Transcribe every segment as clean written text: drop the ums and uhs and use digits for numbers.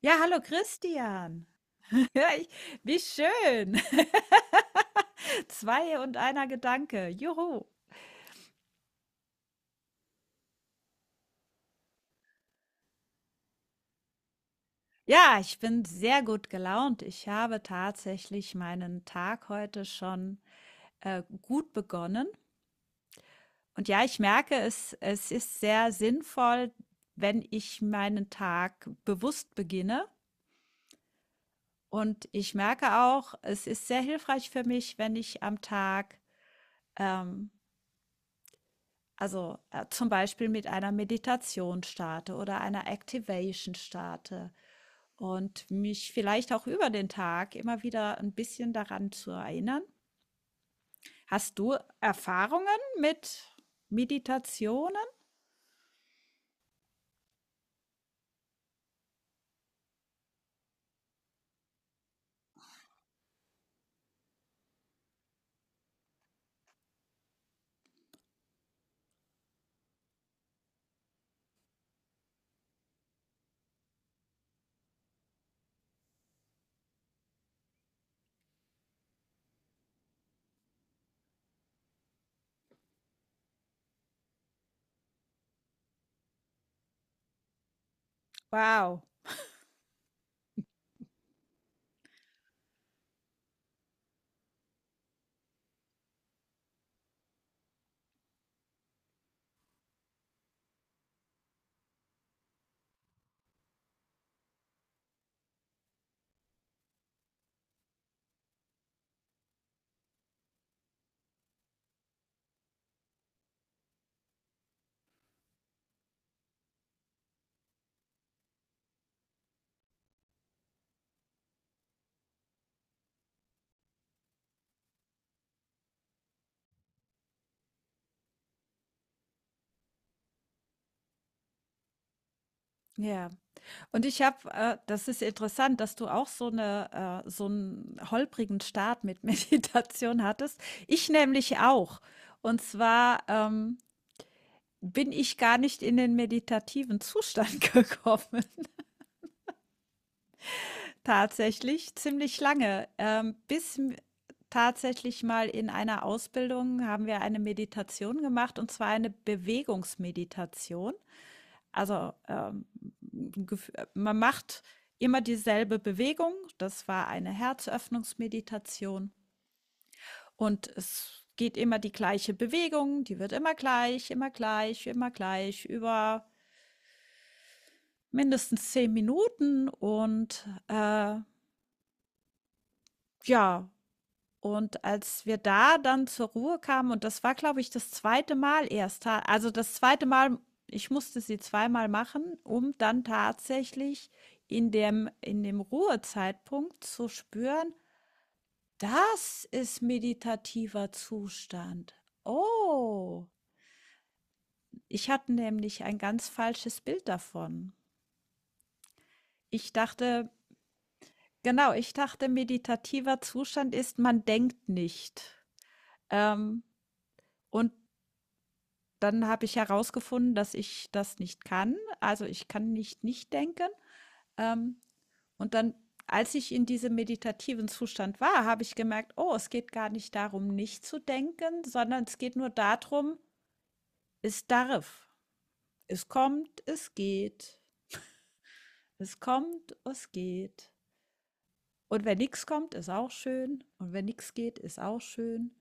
Ja, hallo Christian. Ja, ich, wie schön. Zwei und einer Gedanke. Juhu. Ja, ich bin sehr gut gelaunt. Ich habe tatsächlich meinen Tag heute schon gut begonnen. Und ja, ich merke, es ist sehr sinnvoll, wenn ich meinen Tag bewusst beginne. Und ich merke auch, es ist sehr hilfreich für mich, wenn ich am Tag ähm, also zum Beispiel mit einer Meditation starte oder einer Activation starte und mich vielleicht auch über den Tag immer wieder ein bisschen daran zu erinnern. Hast du Erfahrungen mit Meditationen? Wow. Ja, und das ist interessant, dass du auch so so einen holprigen Start mit Meditation hattest. Ich nämlich auch. Und zwar, bin ich gar nicht in den meditativen Zustand gekommen, tatsächlich ziemlich lange, bis m tatsächlich mal in einer Ausbildung haben wir eine Meditation gemacht, und zwar eine Bewegungsmeditation. Also, gef man macht immer dieselbe Bewegung. Das war eine Herzöffnungsmeditation, und es geht immer die gleiche Bewegung, die wird immer gleich, immer gleich, immer gleich über mindestens 10 Minuten ja und als wir da dann zur Ruhe kamen, und das war, glaube ich, das zweite Mal erst, ta also das zweite Mal, ich musste sie zweimal machen, um dann tatsächlich in dem Ruhezeitpunkt zu spüren: „Das ist meditativer Zustand. Oh!“ Ich hatte nämlich ein ganz falsches Bild davon. Ich dachte, genau, ich dachte, meditativer Zustand ist, man denkt nicht. Ähm, und dann habe ich herausgefunden, dass ich das nicht kann. Also ich kann nicht nicht denken. Ähm, und dann, Als ich in diesem meditativen Zustand war, habe ich gemerkt, oh, es geht gar nicht darum, nicht zu denken, sondern es geht nur darum, es darf. Es kommt, es geht. Es kommt, es geht. Und wenn nichts kommt, ist auch schön. Und wenn nichts geht, ist auch schön.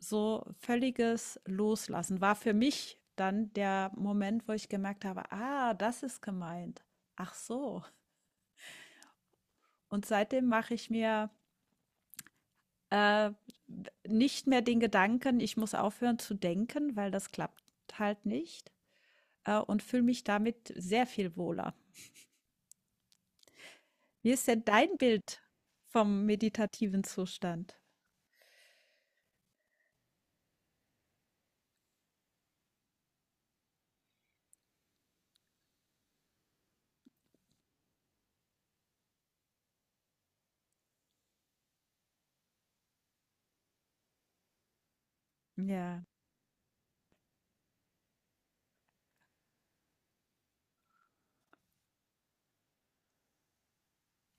So völliges Loslassen war für mich dann der Moment, wo ich gemerkt habe, ah, das ist gemeint. Ach so. Und seitdem mache ich mir äh, nicht mehr den Gedanken, ich muss aufhören zu denken, weil das klappt halt nicht, und fühle mich damit sehr viel wohler. Wie ist denn dein Bild vom meditativen Zustand? Ja,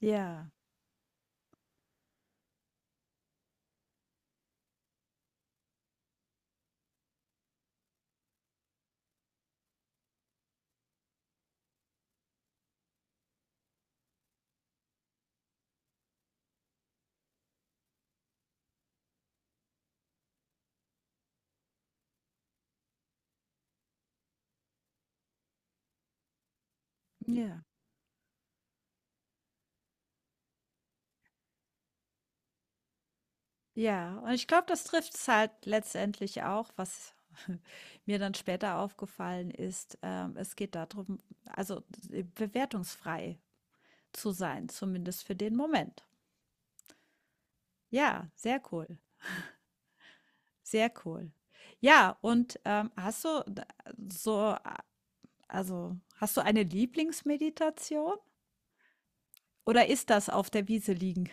ja, ja. Ja, und ich glaube, das trifft es halt letztendlich auch, was mir dann später aufgefallen ist. Es geht darum, bewertungsfrei zu sein, zumindest für den Moment. Ja, sehr cool, sehr cool. Ja, und hast du d- so, a- also hast du eine Lieblingsmeditation oder ist das auf der Wiese liegen?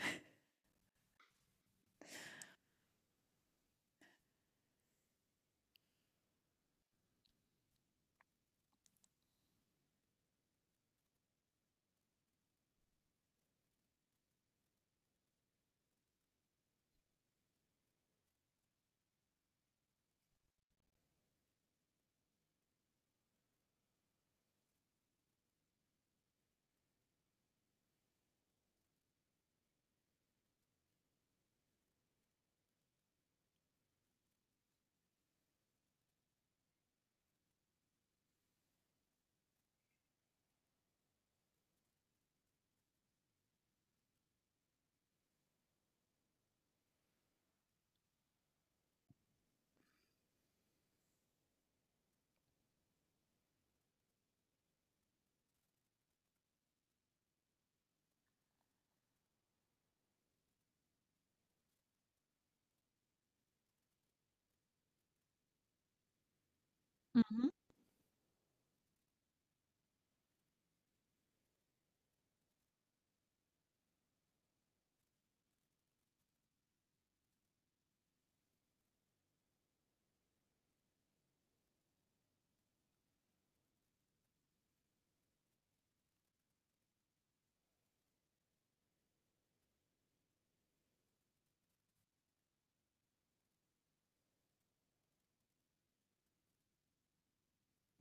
Mhm.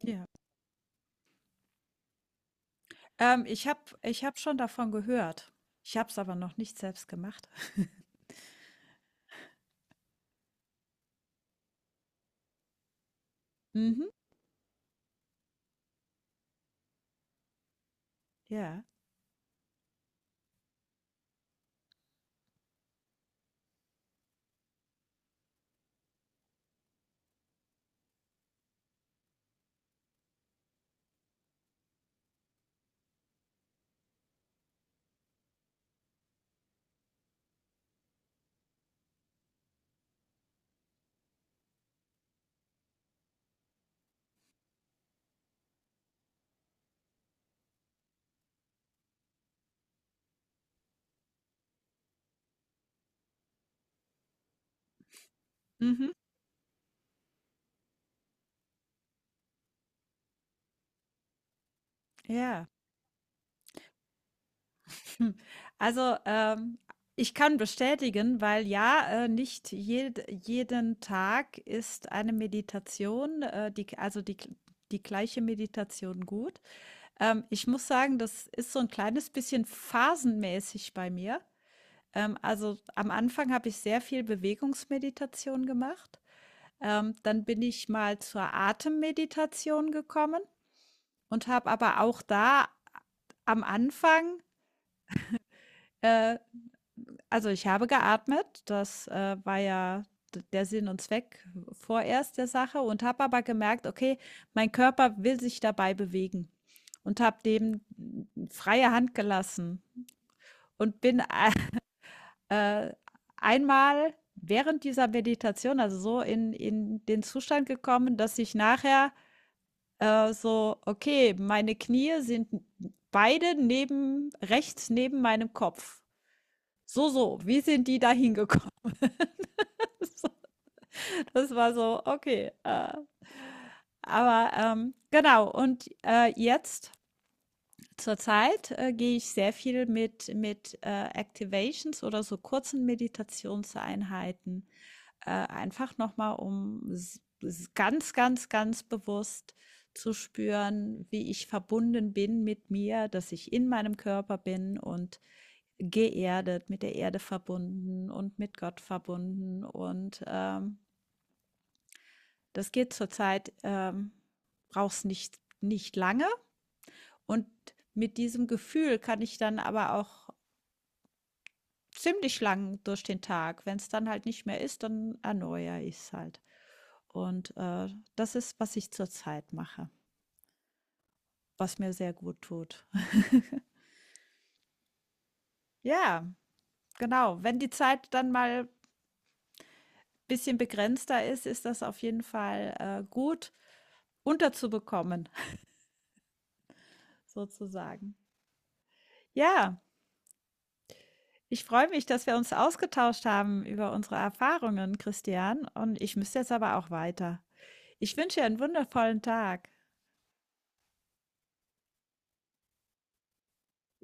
Ja, ähm, ich hab schon davon gehört. Ich habe es aber noch nicht selbst gemacht. Mhm. Ja. Mhm. Ja. Hm. Also, ich kann bestätigen, weil ja, nicht jed jeden Tag ist eine Meditation, die gleiche Meditation gut. Ich muss sagen, das ist so ein kleines bisschen phasenmäßig bei mir. Also am Anfang habe ich sehr viel Bewegungsmeditation gemacht. Dann bin ich mal zur Atemmeditation gekommen und habe aber auch da am Anfang äh, also, ich habe geatmet, war ja d der Sinn und Zweck vorerst der Sache, und habe aber gemerkt: „Okay, mein Körper will sich dabei bewegen“, und habe dem freie Hand gelassen und äh, einmal während dieser Meditation, also, so in den Zustand gekommen, dass ich nachher so okay, meine Knie sind beide neben rechts neben meinem Kopf. So, so, wie sind die da hingekommen? Das war so, okay. Genau, und jetzt zurzeit gehe ich sehr viel mit, mit Activations oder so kurzen Meditationseinheiten, einfach nochmal, um ganz, ganz, ganz bewusst zu spüren, wie ich verbunden bin mit mir, dass ich in meinem Körper bin und geerdet, mit der Erde verbunden und mit Gott verbunden, und das geht zurzeit, braucht's nicht nicht lange, und mit diesem Gefühl kann ich dann aber auch ziemlich lang durch den Tag. Wenn es dann halt nicht mehr ist, dann erneuere ich es halt. Und, das ist, was ich zurzeit mache, was mir sehr gut tut. Ja, genau. Wenn die Zeit dann mal ein bisschen begrenzter ist, ist das auf jeden Fall, gut unterzubekommen sozusagen. Ja. Ich freue mich, dass wir uns ausgetauscht haben über unsere Erfahrungen, Christian. Und ich müsste jetzt aber auch weiter. Ich wünsche dir einen wundervollen Tag.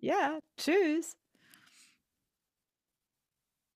Ja, tschüss.